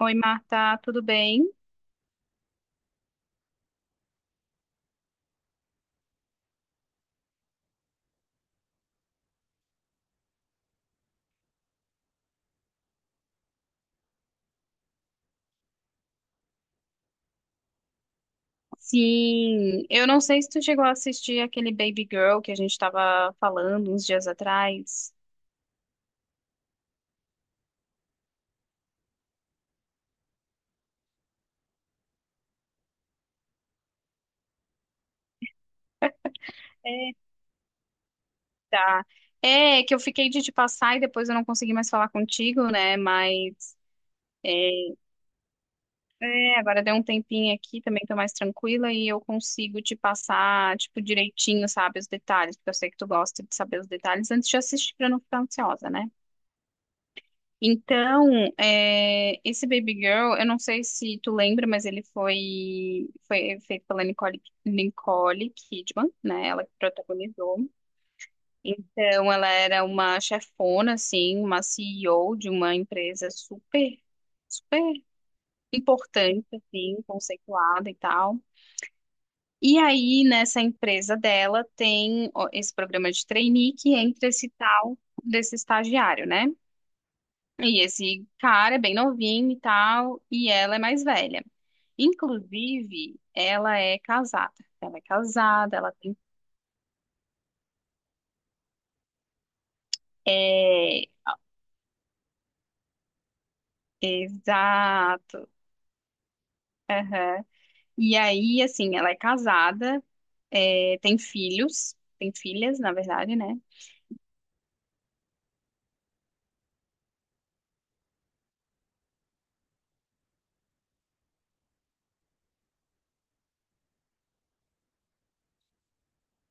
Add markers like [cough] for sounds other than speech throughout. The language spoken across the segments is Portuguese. Oi, Marta, tudo bem? Sim, eu não sei se tu chegou a assistir aquele Baby Girl que a gente estava falando uns dias atrás. Tá. É, que eu fiquei de te passar e depois eu não consegui mais falar contigo, né? Mas é, agora deu um tempinho aqui, também tô mais tranquila e eu consigo te passar, tipo, direitinho, sabe, os detalhes, porque eu sei que tu gosta de saber os detalhes antes de assistir pra não ficar ansiosa, né? Então, esse Baby Girl, eu não sei se tu lembra, mas ele foi feito pela Nicole Kidman, né? Ela que protagonizou. Então, ela era uma chefona, assim, uma CEO de uma empresa super importante, assim, conceituada e tal. E aí, nessa empresa dela, tem ó, esse programa de trainee que entra esse tal desse estagiário, né? E esse cara é bem novinho e tal, e ela é mais velha. Inclusive, ela é casada. Ela é casada, ela tem. É, exato. Aham. E aí, assim, ela é casada, tem filhos, tem filhas, na verdade, né?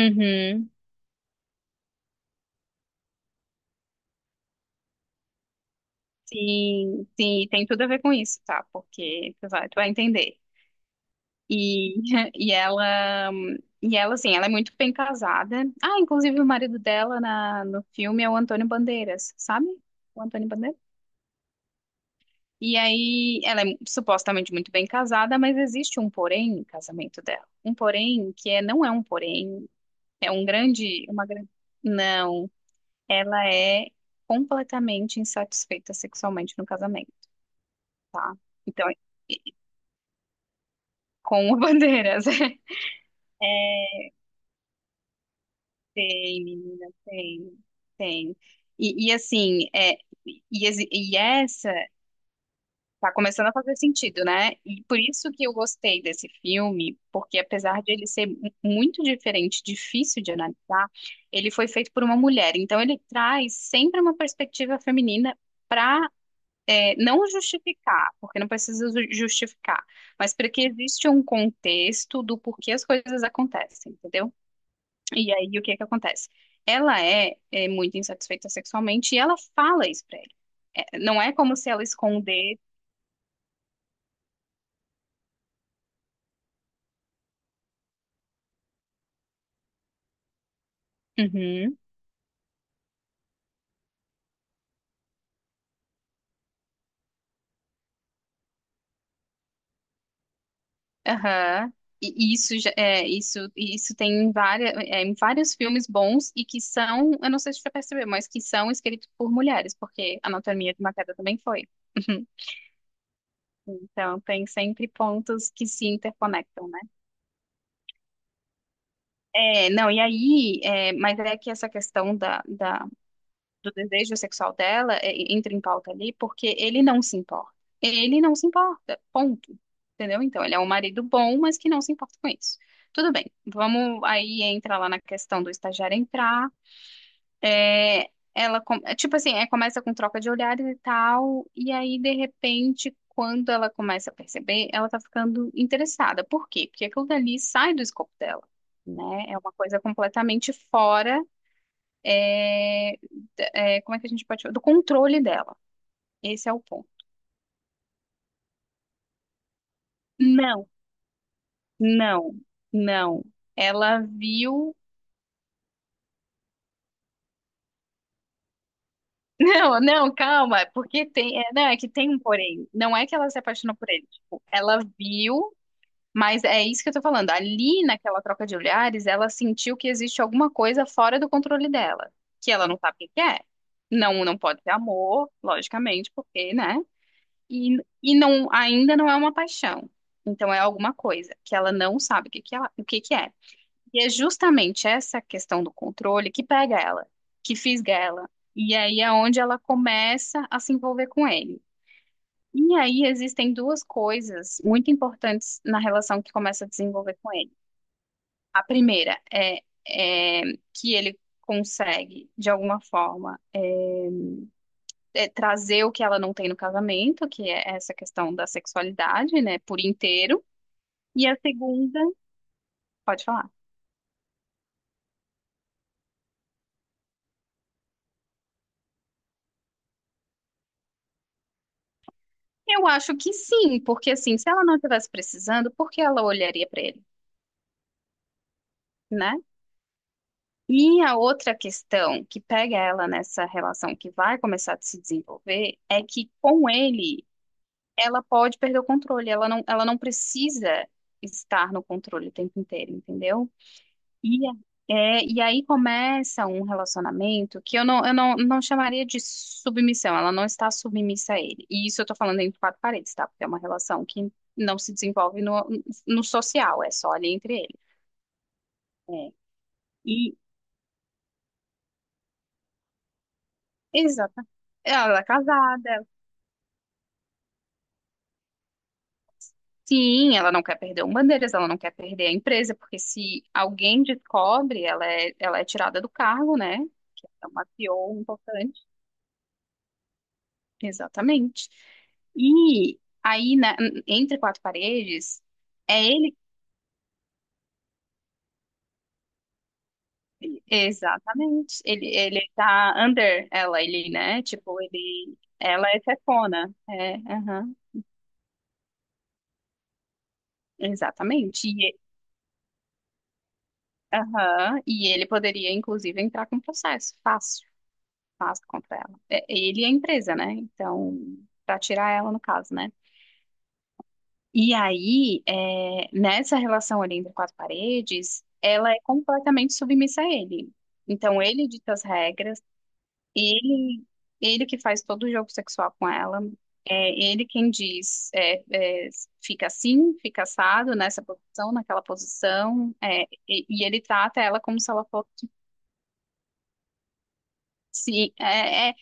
Uhum. Sim, sim, tem tudo a ver com isso, tá? Porque tu tu vai entender. E, [laughs] e e ela, assim, ela é muito bem casada. Ah, inclusive o marido dela no filme é o Antônio Bandeiras, sabe? O Antônio Bandeiras. E aí, ela é supostamente muito bem casada, mas existe um porém no casamento dela. Um porém que é, não é um porém, é um grande, uma grande... Não, ela é completamente insatisfeita sexualmente no casamento, tá? Então, com o [laughs] Bandeiras. Tem, menina, tem, tem. Assim, essa tá começando a fazer sentido, né? E por isso que eu gostei desse filme, porque apesar de ele ser muito diferente, difícil de analisar, ele foi feito por uma mulher. Então ele traz sempre uma perspectiva feminina para não justificar, porque não precisa justificar, mas para que existe um contexto do porquê as coisas acontecem, entendeu? E aí, o que é que acontece? Ela é muito insatisfeita sexualmente e ela fala isso pra ele. É, não é como se ela esconder. Uhum, aham. E isso tem em, várias, é, em vários filmes bons e que são, eu não sei se você percebeu, mas que são escritos por mulheres, porque Anatomia de uma Queda também foi. [laughs] Então, tem sempre pontos que se interconectam, né? É, não, e mas é que essa questão da do desejo sexual dela entra em pauta ali porque ele não se importa. Ele não se importa, ponto. Entendeu? Então, ele é um marido bom, mas que não se importa com isso. Tudo bem, vamos aí entra lá na questão do estagiário entrar. É, tipo assim, é, começa com troca de olhares e tal, e aí, de repente, quando ela começa a perceber, ela tá ficando interessada. Por quê? Porque aquilo dali sai do escopo dela, né? É uma coisa completamente fora é, como é que a gente pode falar? Do controle dela. Esse é o ponto. Não, não, não. Ela viu. [laughs] Não, não, calma, porque tem. É, não, é que tem um porém. Não é que ela se apaixonou por ele. Tipo, ela viu, mas é isso que eu tô falando. Ali naquela troca de olhares, ela sentiu que existe alguma coisa fora do controle dela, que ela não sabe o que que é. Não, não pode ser amor, logicamente, porque, né? E, não, ainda não é uma paixão. Então é alguma coisa que ela não sabe o que que é. E é justamente essa questão do controle que pega ela, que fisga ela. E aí é onde ela começa a se envolver com ele. E aí existem duas coisas muito importantes na relação que começa a desenvolver com ele. A primeira é que ele consegue, de alguma forma, é, trazer o que ela não tem no casamento, que é essa questão da sexualidade, né, por inteiro. E a segunda, pode falar. Eu acho que sim, porque assim, se ela não estivesse precisando, por que ela olharia para ele, né? E a outra questão que pega ela nessa relação que vai começar a se desenvolver é que com ele ela pode perder o controle, ela não precisa estar no controle o tempo inteiro, entendeu? E, a- e aí começa um relacionamento que eu não chamaria de submissão, ela não está submissa a ele. E isso eu tô falando entre quatro paredes, tá? Porque é uma relação que não se desenvolve no social, é só ali entre eles. É. E, exata. Ela é casada. Sim, ela não quer perder o Bandeiras, ela não quer perder a empresa, porque se alguém descobre, ela é tirada do cargo, né? Que é uma CEO importante. Exatamente. E entre quatro paredes, é ele. Exatamente. Ele tá under ela, ele, né? Tipo, ele. Ela é chefona. É, aham. Exatamente. E, aham, e ele poderia, inclusive, entrar com processo. Fácil, fácil contra ela. É, ele é a empresa, né? Então, pra tirar ela, no caso, né? E aí, é, nessa relação ali entre quatro paredes, ela é completamente submissa a ele. Então, ele dita as regras, ele, ele que faz todo o jogo sexual com ela, é ele quem diz, fica assim, fica assado, nessa posição, naquela posição, é, e ele trata ela como se ela fosse Sim, é, é,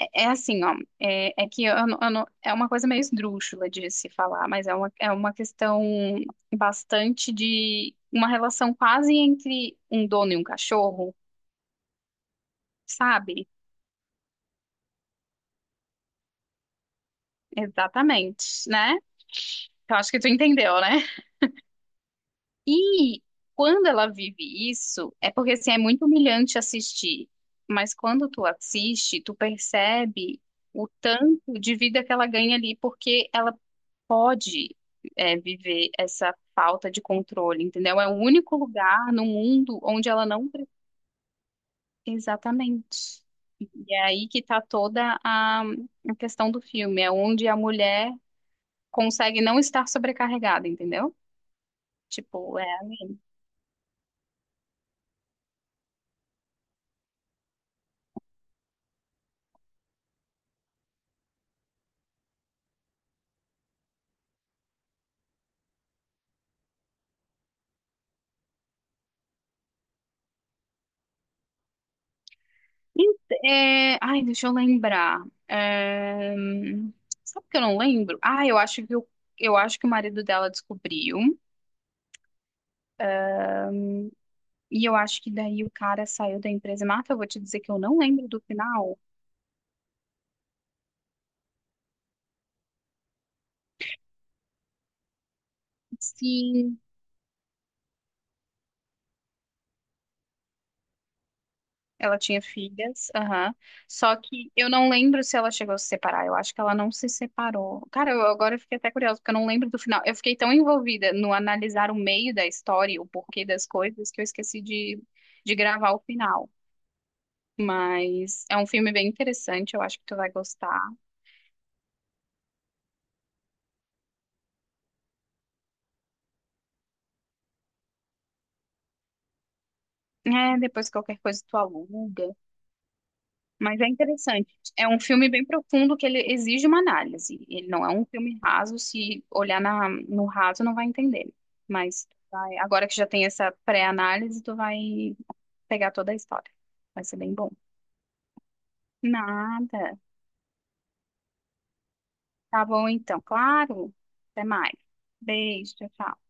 é é assim, ó, é, é que eu não- é uma coisa meio esdrúxula de se falar, mas é é uma questão bastante de uma relação quase entre um dono e um cachorro, sabe? Exatamente, né? Eu acho que tu entendeu, né? E quando ela vive isso, é porque assim, é muito humilhante assistir, mas quando tu assiste, tu percebe o tanto de vida que ela ganha ali, porque ela pode é, viver essa falta de controle, entendeu? É o único lugar no mundo onde ela não. pre- Exatamente. E é aí que tá toda a questão do filme, é onde a mulher consegue não estar sobrecarregada, entendeu? Tipo, é ali. Ent- ai, deixa eu lembrar. É, sabe que eu não lembro? Ah, eu acho eu acho que o marido dela descobriu. E eu acho que daí o cara saiu da empresa. Marta, eu vou te dizer que eu não lembro do final. Sim, ela tinha filhas, aham. Só que eu não lembro se ela chegou a se separar. Eu acho que ela não se separou. Cara, eu, agora eu fiquei até curiosa, porque eu não lembro do final. Eu fiquei tão envolvida no analisar o meio da história, e o porquê das coisas, que eu esqueci de gravar o final. Mas é um filme bem interessante, eu acho que tu vai gostar. É, depois qualquer coisa tu aluga. Mas é interessante. É um filme bem profundo que ele exige uma análise. Ele não é um filme raso, se olhar na, no raso não vai entender. Mas agora que já tem essa pré-análise, tu vai pegar toda a história. Vai ser bem bom. Nada. Tá bom então, claro. Até mais. Beijo, tchau. Tchau.